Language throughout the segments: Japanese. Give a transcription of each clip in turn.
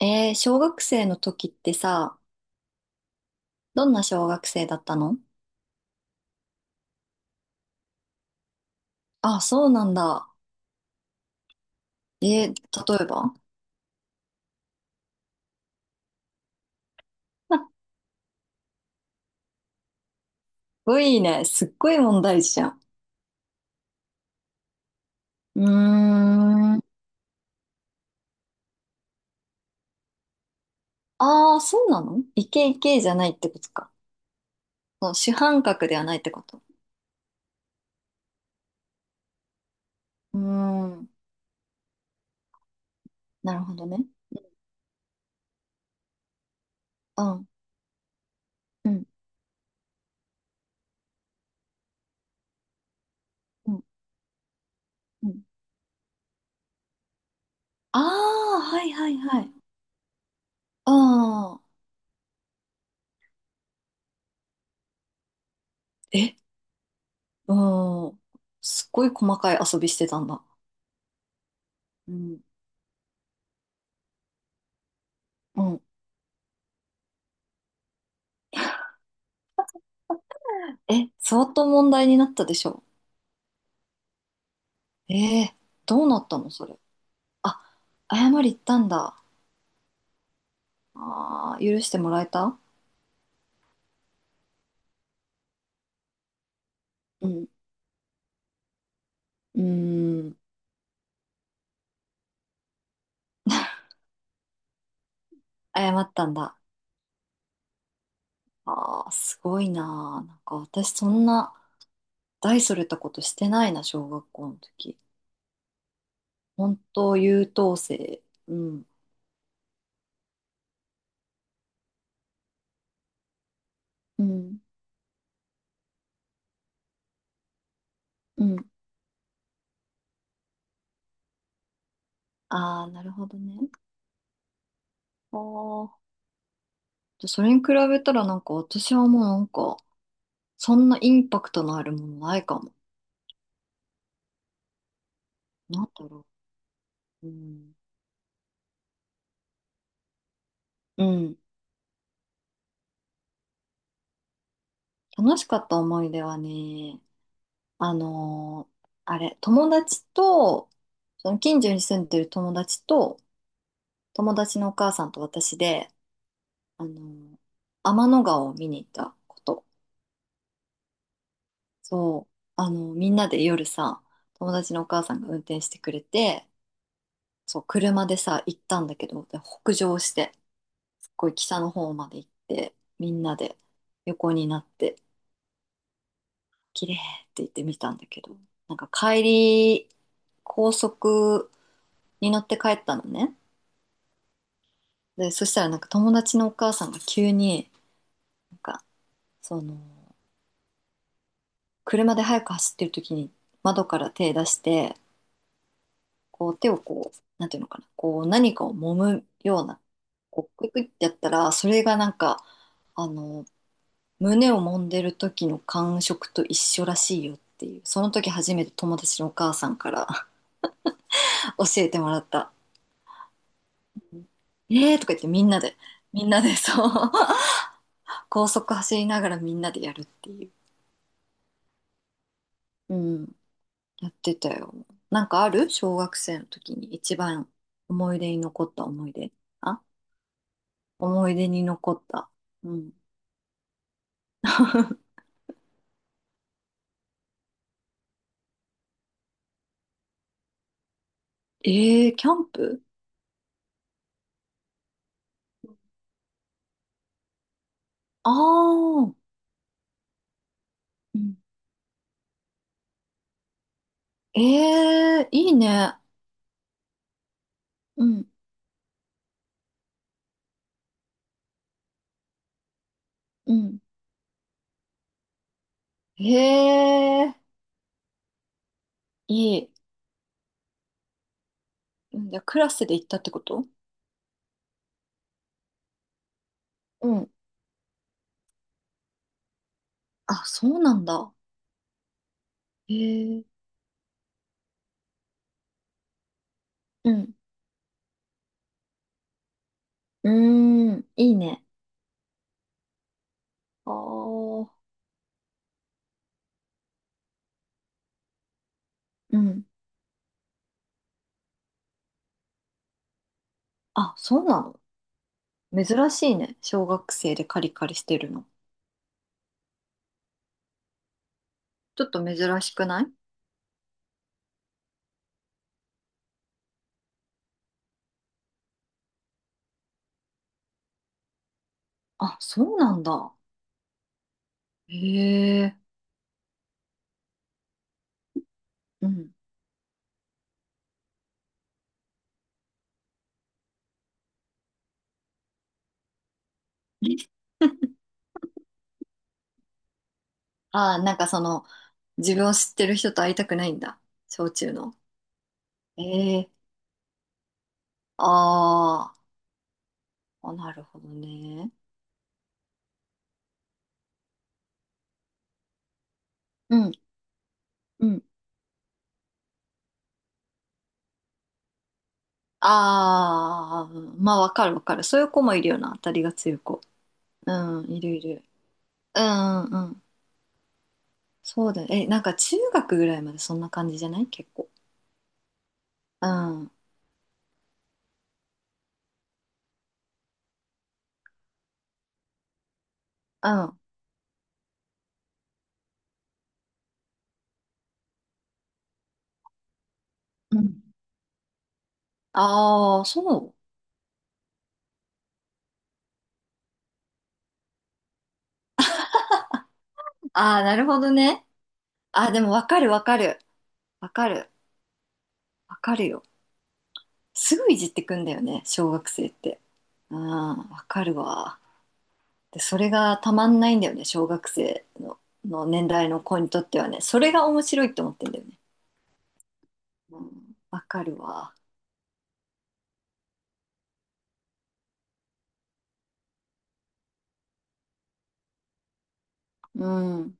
小学生の時ってさ、どんな小学生だったの？あ、そうなんだ。えー、例えば、すっごいね。すっごい問題児じゃん。うーん。ああ、そうなの？イケイケじゃないってことか。その主犯格ではないってこと。うーん。なるほどね。うん。うん。うん。うん、ああ、はいはいはい。ああ。え、うん。すっごい細かい遊びしてたんだ。うん。うん。え、相当問題になったでしょ？ええ、どうなったのそれ？あ、謝り行ったんだ。ああ、許してもらえた？うん。うーん、謝ったんだ。ああ、すごいなあ。なんか私そんな大それたことしてないな、小学校の時。本当優等生。うん。うん。うん。ああ、なるほどね。ああ。じゃそれに比べたらなんか私はもうなんか、そんなインパクトのあるものないかも。なんだろう。うん。うん。楽しかった思い出はね、あのーあれ、友達と、その近所に住んでる友達と、友達のお母さんと私で、あのー天の川を見に行ったこと。そう、みんなで夜さ、友達のお母さんが運転してくれて、そう、車でさ、行ったんだけど、で北上して、すっごい北の方まで行って、みんなで横になって、綺麗って言ってみたんだけど、なんか帰り、高速に乗って帰ったのね。で、そしたらなんか友達のお母さんが急に、なんか、その、車で早く走ってる時に窓から手出して、こう手をこう、なんていうのかな、こう何かを揉むような、こうクイクイってやったら、それがなんか、あの、胸を揉んでる時の感触と一緒らしいよっていう、その時初めて友達のお母さんから 教えてもらった。えーとか言ってみんなで、みんなでそう、高速走りながらみんなでやるっていう。うん、やってたよ。なんかある小学生の時に一番思い出に残った思い出。あ、思い出に残った。うん。えー、キャンプ？ああー、うん、えー、いいね。うん、うん。えー、いい。うん、じゃあクラスで行ったってこと？うん。あ、そうなんだ。えー、うん。うーん、いいね。ああ、うん。あ、そうなの？珍しいね。小学生でカリカリしてるの。ちょっと珍しくない？あ、そうなんだ。へえ。うん。ああ、なんかその、自分を知ってる人と会いたくないんだ。小中の。ええ、あー、あ、なるほどね。うん、うん。ああ、まあわかるわかる。そういう子もいるよな。当たりが強い子。うん、いるいる。うん、うん。そうだよ。え、なんか中学ぐらいまでそんな感じじゃない結構。うん。うん。あ、うん、あ、そう。ああ、なるほどね。あ、でもわかるわかる。わかる。わかるよ。すぐいじってくんだよね、小学生って。うん、わかるわ。で、それがたまんないんだよね、小学生の、年代の子にとってはね。それが面白いって思ってんだよね。うん、わかるわ。うん。うん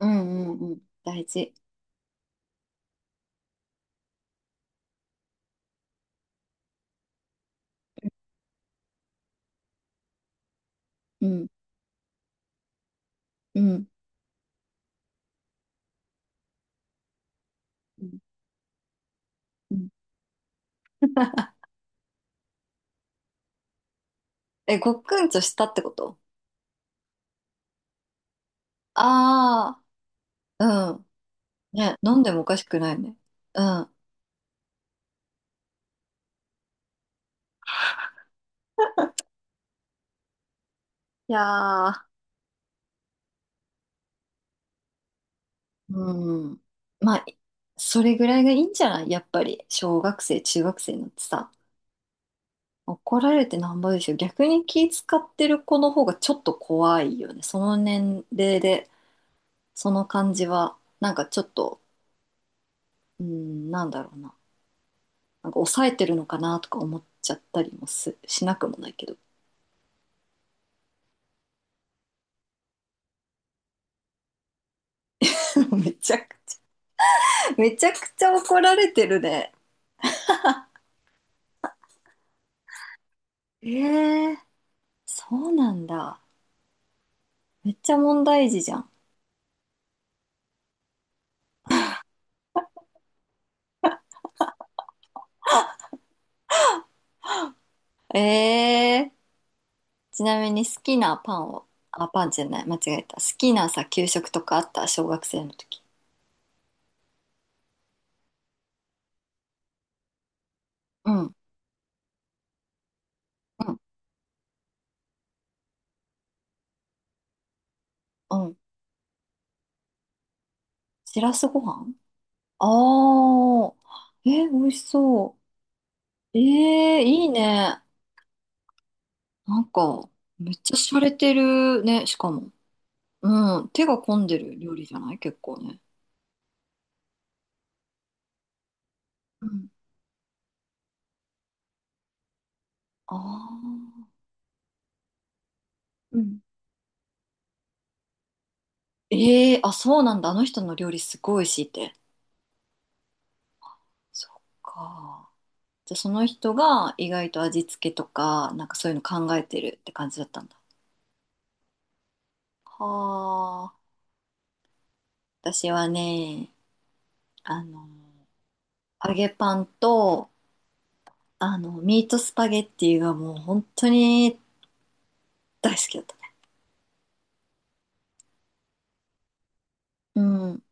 うんうん。大事。うん。うん。うん。うん、え、ごっくんとしたってこと？ああー、うん。ね、飲んでもおかしくないね。うん。いやー、うん。まあ、それぐらいがいいんじゃない？やっぱり、小学生、中学生になってさ、怒られてなんぼでしょ。逆に気使ってる子の方がちょっと怖いよね。その年齢で、その感じは、なんかちょっと、うん、なんだろうな。なんか抑えてるのかなとか思っちゃったりもす、しなくもないけど。めちゃくちゃ。めちゃくちゃ怒られてるね。えー、そうなんだ。めっちゃ問題児じゃん。えー、ちなみに好きなパンを、あ、パンじゃない、間違えた。好きなさ、給食とかあった小学生の時？うん、うん、うん。しらすご飯？あー、えー、美味しそう。えー、いいね。なんか、めっちゃ洒落てるね、しかも。うん、手が込んでる料理じゃない結構ね。うん。あー。うん、ええ、あ、そうなんだ。あの人の料理すごい美味しいって。そっか。じゃあその人が意外と味付けとか、なんかそういうの考えてるって感じだったんだ。はあ。私はね、あの、揚げパンと、ミートスパゲッティがもう本当に大好きだったね。うん。